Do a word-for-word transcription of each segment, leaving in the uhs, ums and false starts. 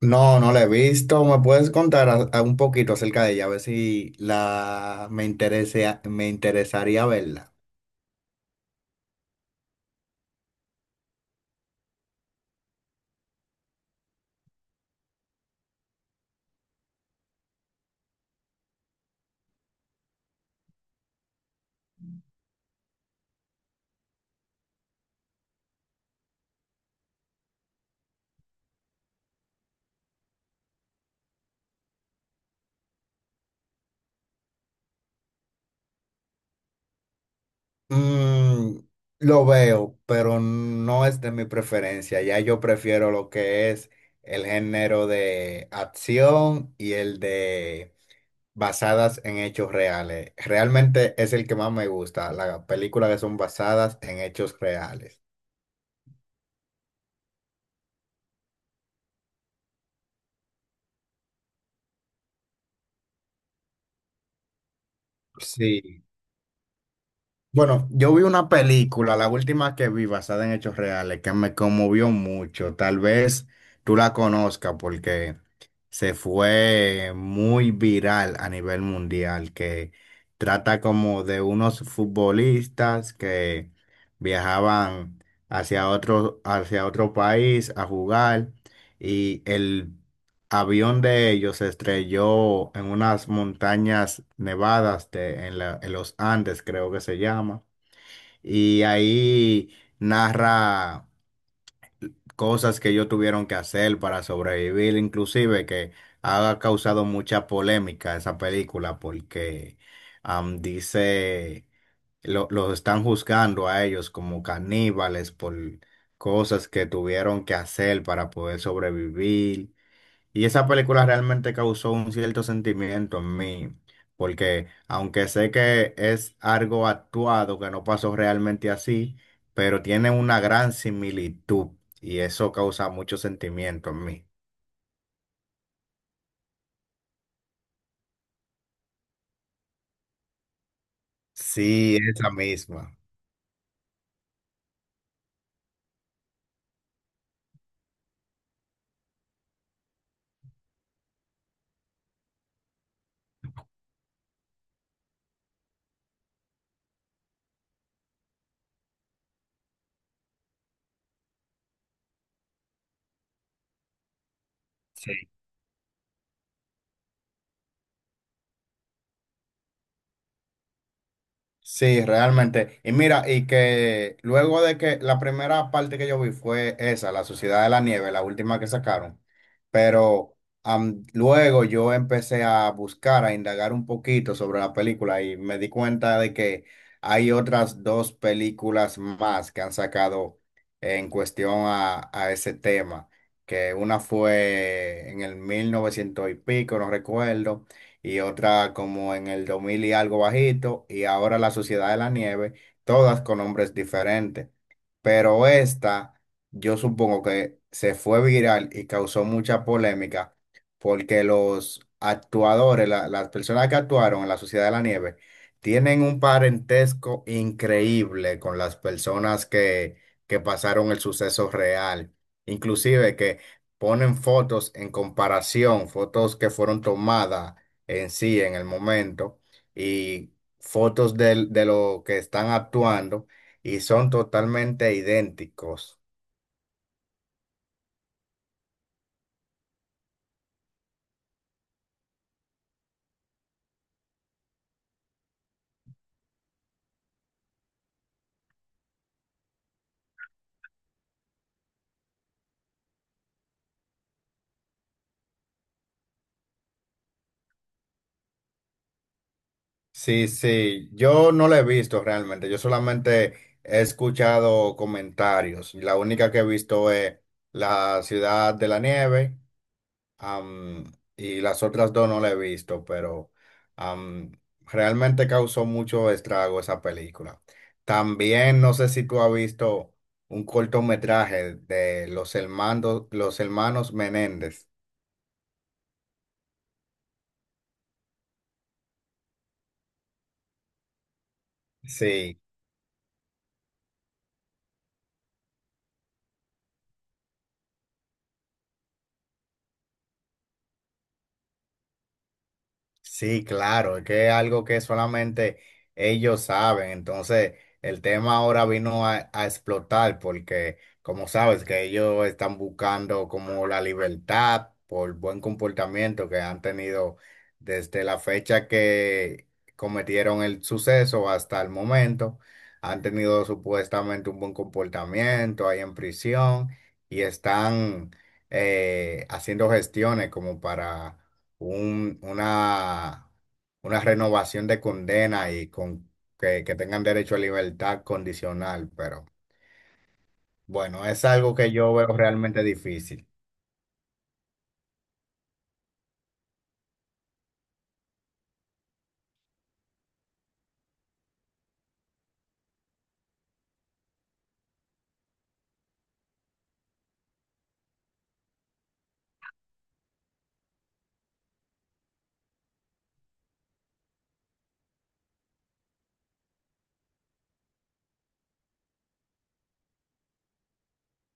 No, no la he visto. ¿Me puedes contar a- a un poquito acerca de ella? A ver si la me interese, me interesaría verla. Mm, lo veo, pero no es de mi preferencia. Ya yo prefiero lo que es el género de acción y el de basadas en hechos reales. Realmente es el que más me gusta, las películas que son basadas en hechos reales. Sí. Bueno, yo vi una película, la última que vi basada en hechos reales, que me conmovió mucho. Tal vez tú la conozcas porque se fue muy viral a nivel mundial, que trata como de unos futbolistas que viajaban hacia otro, hacia otro país a jugar, y el avión de ellos se estrelló en unas montañas nevadas de- en la- en los Andes, creo que se llama. Y ahí narra cosas que ellos tuvieron que hacer para sobrevivir, inclusive que ha causado mucha polémica esa película porque am, dice, lo- los están juzgando a ellos como caníbales por cosas que tuvieron que hacer para poder sobrevivir. Y esa película realmente causó un cierto sentimiento en mí, porque aunque sé que es algo actuado, que no pasó realmente así, pero tiene una gran similitud y eso causa mucho sentimiento en mí. Sí, esa misma. Sí. Sí, realmente. Y mira, y que luego de que la primera parte que yo vi fue esa, La Sociedad de la Nieve, la última que sacaron. Pero am, luego yo empecé a buscar, a indagar un poquito sobre la película y me di cuenta de que hay otras dos películas más que han sacado en cuestión a, a ese tema, que una fue en el mil novecientos y pico, no recuerdo, y otra como en el dos mil y algo bajito, y ahora la Sociedad de la Nieve, todas con nombres diferentes. Pero esta, yo supongo que se fue viral y causó mucha polémica porque los actuadores, la- las personas que actuaron en la Sociedad de la Nieve, tienen un parentesco increíble con las personas que, que pasaron el suceso real. Inclusive que ponen fotos en comparación, fotos que fueron tomadas en sí, en el momento, y fotos del- de, lo que están actuando y son totalmente idénticos. Sí, sí, yo no la he visto realmente, yo solamente he escuchado comentarios. La única que he visto es La Ciudad de la Nieve. Am, y las otras dos no la he visto, pero am, realmente causó mucho estrago esa película. También no sé si tú has visto un cortometraje de los hermanos, los hermanos Menéndez. Sí. Sí, claro, es que es algo que solamente ellos saben. Entonces, el tema ahora vino a, a explotar porque, como sabes, que ellos están buscando como la libertad por buen comportamiento que han tenido desde la fecha que cometieron el suceso hasta el momento. Han tenido supuestamente un buen comportamiento ahí en prisión, y están eh, haciendo gestiones como para un- una, una renovación de condena, y con que, que tengan derecho a libertad condicional, pero bueno, es algo que yo veo realmente difícil.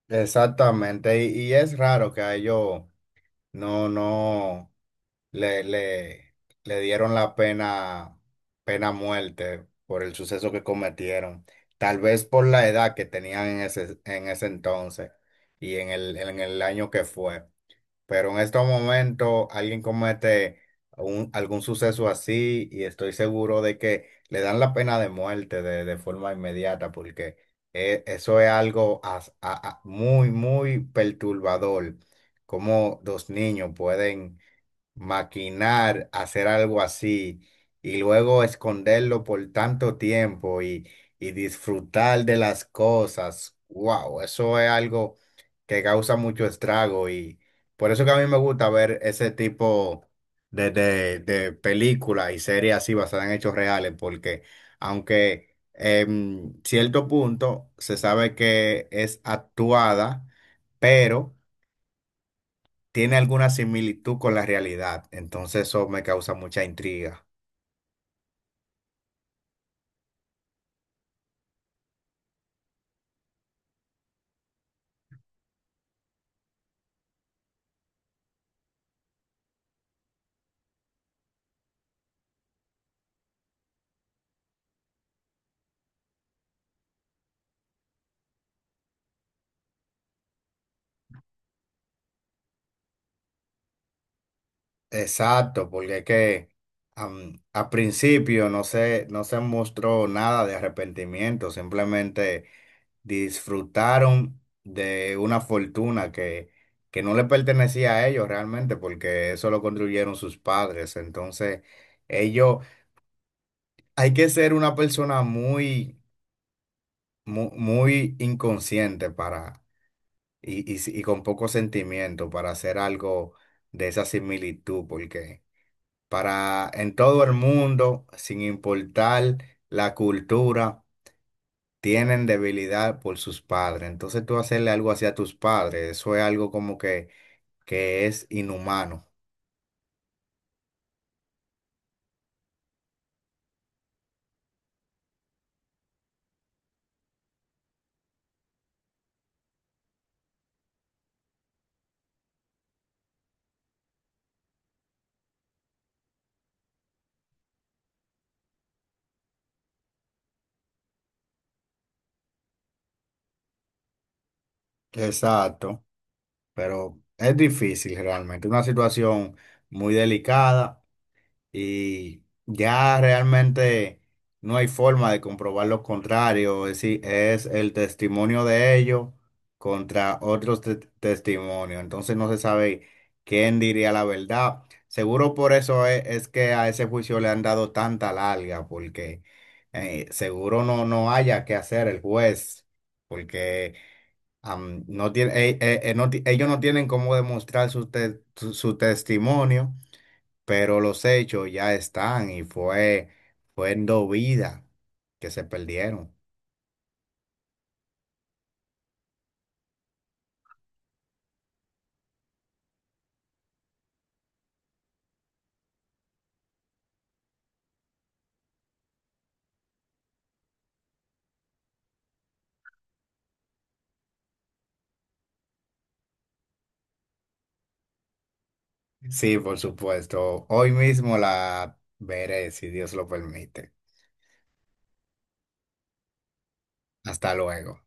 Exactamente, y, y es raro que a ellos no, no le, le, le dieron la pena, pena muerte por el suceso que cometieron, tal vez por la edad que tenían en ese, en ese entonces y en el, en el año que fue. Pero en estos momentos alguien comete un- algún suceso así y estoy seguro de que le dan la pena de muerte de, de forma inmediata porque eh, eso es algo as- a- a- muy, muy perturbador, como dos niños pueden maquinar, hacer algo así y luego esconderlo por tanto tiempo y, y disfrutar de las cosas. Wow, eso es algo que causa mucho estrago y por eso que a mí me gusta ver ese tipo de, de, de películas y series así basadas en hechos reales porque aunque en cierto punto se sabe que es actuada, pero tiene alguna similitud con la realidad, entonces eso me causa mucha intriga. Exacto, porque es que am, al principio no se, no se mostró nada de arrepentimiento, simplemente disfrutaron de una fortuna que, que no le pertenecía a ellos realmente, porque eso lo construyeron sus padres. Entonces, ellos, hay que ser una persona muy, mu- muy, inconsciente para, y, y si- y con poco sentimiento para hacer algo de esa similitud, porque para en todo el mundo, sin importar la cultura, tienen debilidad por sus padres. Entonces tú hacerle algo así a tus padres, eso es algo como que, que es inhumano. Exacto, pero es difícil realmente, una situación muy delicada. Y ya realmente no hay forma de comprobar lo contrario, es decir, es el testimonio de ellos contra otros te- testimonios, entonces no se sabe quién diría la verdad. Seguro por eso es, es que a ese juicio le han dado tanta larga, porque eh, seguro no, no haya que hacer el juez, porque am, no tiene, eh, eh, eh, no ti- ellos no tienen cómo demostrar su, te- su su testimonio, pero los hechos ya están y fue, fueron vidas que se perdieron. Sí, por supuesto. Hoy mismo la veré, si Dios lo permite. Hasta luego.